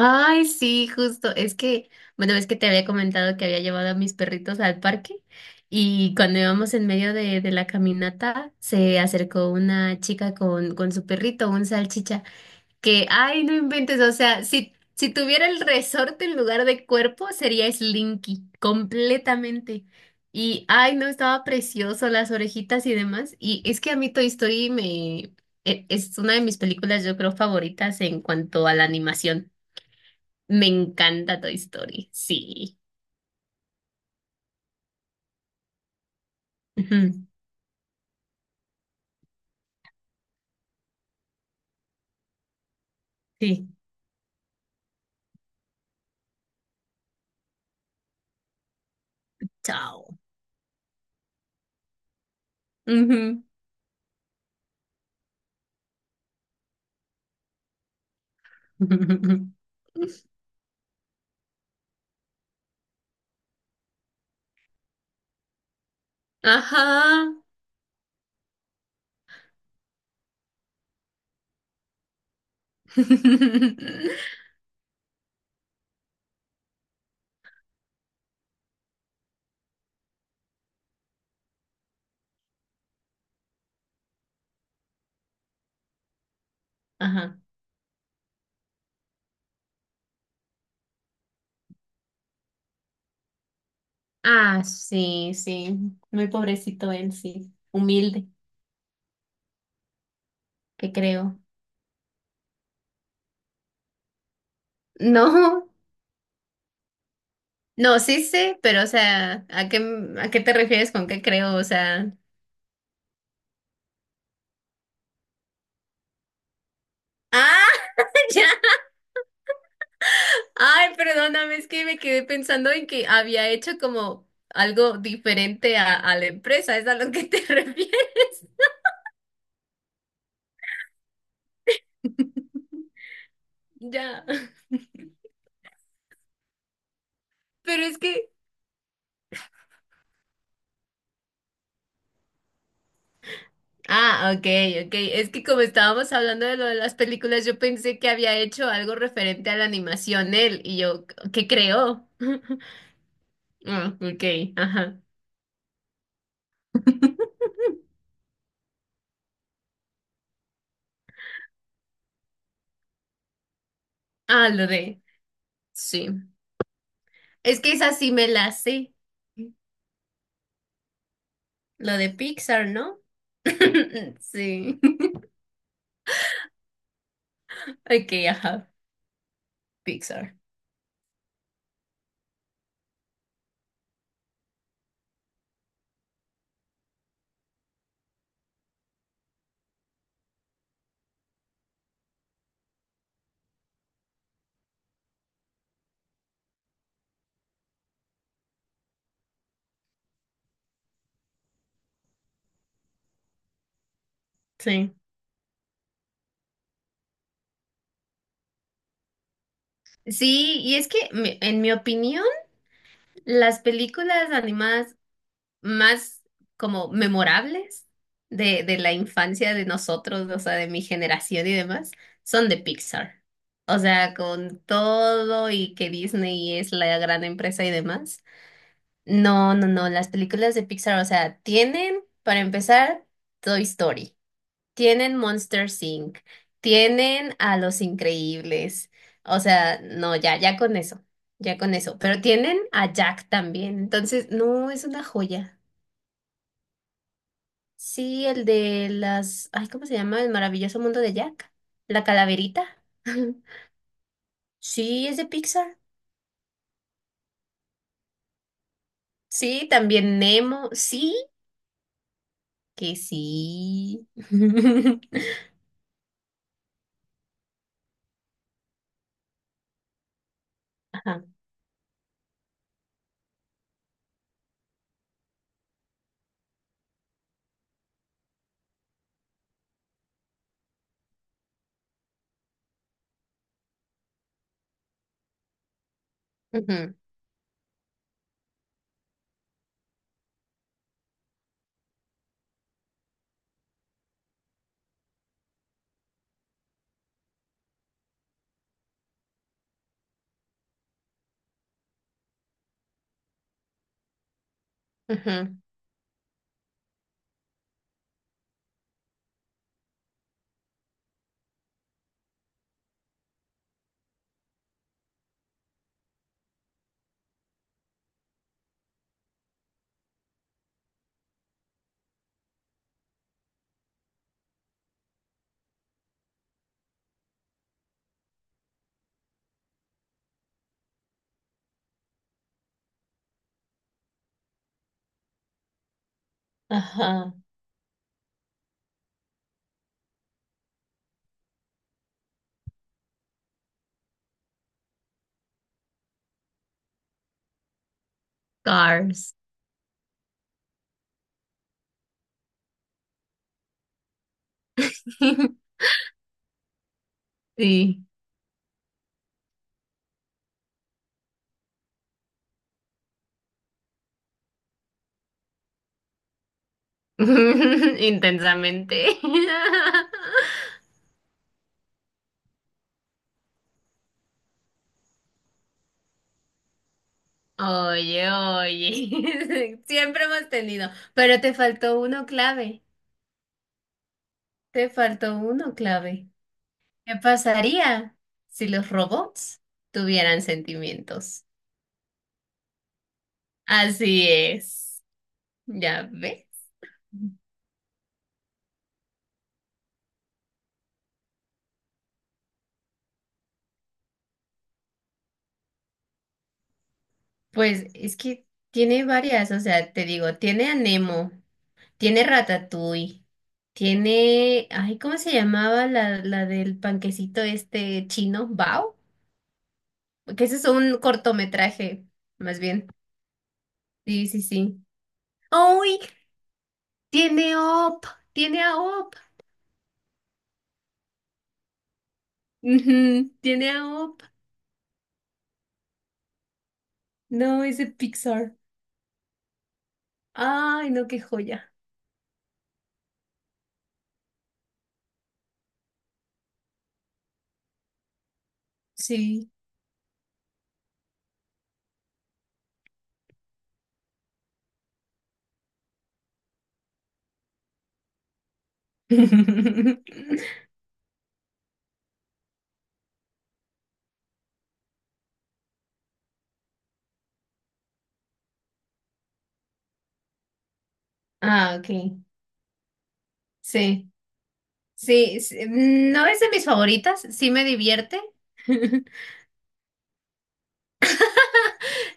Ay, sí, justo. Es que, bueno, es que te había comentado que había llevado a mis perritos al parque y cuando íbamos en medio de la caminata se acercó una chica con su perrito, un salchicha, que, ay, no inventes, o sea, si tuviera el resorte en lugar de cuerpo sería Slinky, completamente. Y, ay, no, estaba precioso, las orejitas y demás. Y es que a mí Toy Story me... Es una de mis películas, yo creo, favoritas en cuanto a la animación. Me encanta Toy Story. Sí. Ujú. Sí. Chao. Ujú. Ajá. Ajá. Ah, sí, sí. Muy pobrecito él, sí. Humilde, que creo. No, no, sí sé, pero o sea, ¿a qué te refieres con qué creo? O sea. Ah, ya. Ay, perdóname, es que me quedé pensando en que había hecho como algo diferente a la empresa, es a lo que te refieres. Ya. Pero es que... Ah, ok, ok. Es que como estábamos hablando de lo de las películas, yo pensé que había hecho algo referente a la animación él y yo, ¿qué creó? Ah, ok, ajá. Ah, lo de... Sí. Es que esa sí me la sé. Lo de Pixar, ¿no? Sí. Ok, ajá. Pixar. Sí. Sí, y es que en mi opinión, las películas animadas más como memorables de la infancia de nosotros, o sea, de mi generación y demás, son de Pixar. O sea, con todo y que Disney es la gran empresa y demás. No, no, no, las películas de Pixar, o sea, tienen, para empezar, Toy Story, tienen Monsters Inc., tienen a Los Increíbles, o sea, no, ya, ya con eso, pero tienen a Jack también, entonces, no, es una joya. Sí, el de las, ay, ¿cómo se llama? El maravilloso mundo de Jack. La calaverita. Sí, es de Pixar. Sí, también Nemo. Sí, que sí. Ajá. Ujú, ujú. Ajá. Cars. Sí. Intensamente. Oye, oye. Siempre hemos tenido. Pero te faltó uno clave. Te faltó uno clave. ¿Qué pasaría si los robots tuvieran sentimientos? Así es. ¿Ya ves? Pues es que tiene varias, o sea, te digo, tiene a Nemo, tiene Ratatouille, tiene, ay, ¿cómo se llamaba la del panquecito este chino? ¿Bao? Que ese es un cortometraje, más bien. Sí, sí, sí. ¡Uy! Tiene a Up, tiene a Up. Ujú, tiene a Up. No, es de Pixar. Ay, no, qué joya. Sí. Ah, ok. Sí. Sí, sí, no es de mis favoritas, sí me divierte.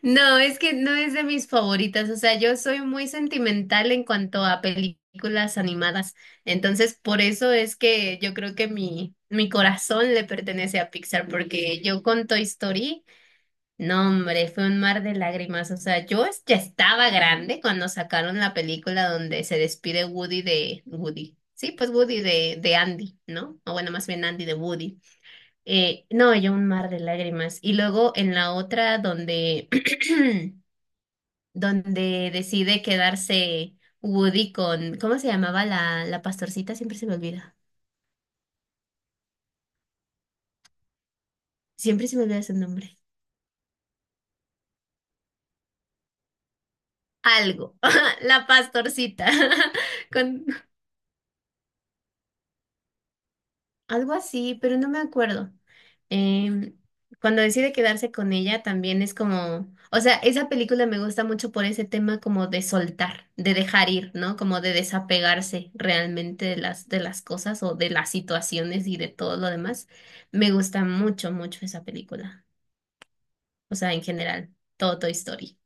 No, es que no es de mis favoritas, o sea, yo soy muy sentimental en cuanto a películas animadas, entonces por eso es que yo creo que mi corazón le pertenece a Pixar, porque yo con Toy Story... No, hombre, fue un mar de lágrimas. O sea, yo ya estaba grande cuando sacaron la película donde se despide Woody de Woody. Sí, pues Woody de Andy, ¿no? O bueno, más bien Andy de Woody. No, yo un mar de lágrimas. Y luego en la otra donde, donde decide quedarse Woody con, ¿cómo se llamaba la pastorcita? Siempre se me olvida. Siempre se me olvida su nombre. Algo. La pastorcita. Con, algo así, pero no me acuerdo. Em, cuando decide quedarse con ella también es como, o sea, esa película me gusta mucho por ese tema como de soltar, de dejar ir, ¿no? Como de desapegarse realmente de las cosas o de las situaciones y de todo lo demás. Me gusta mucho, mucho esa película. O sea, en general, todo Toy Story.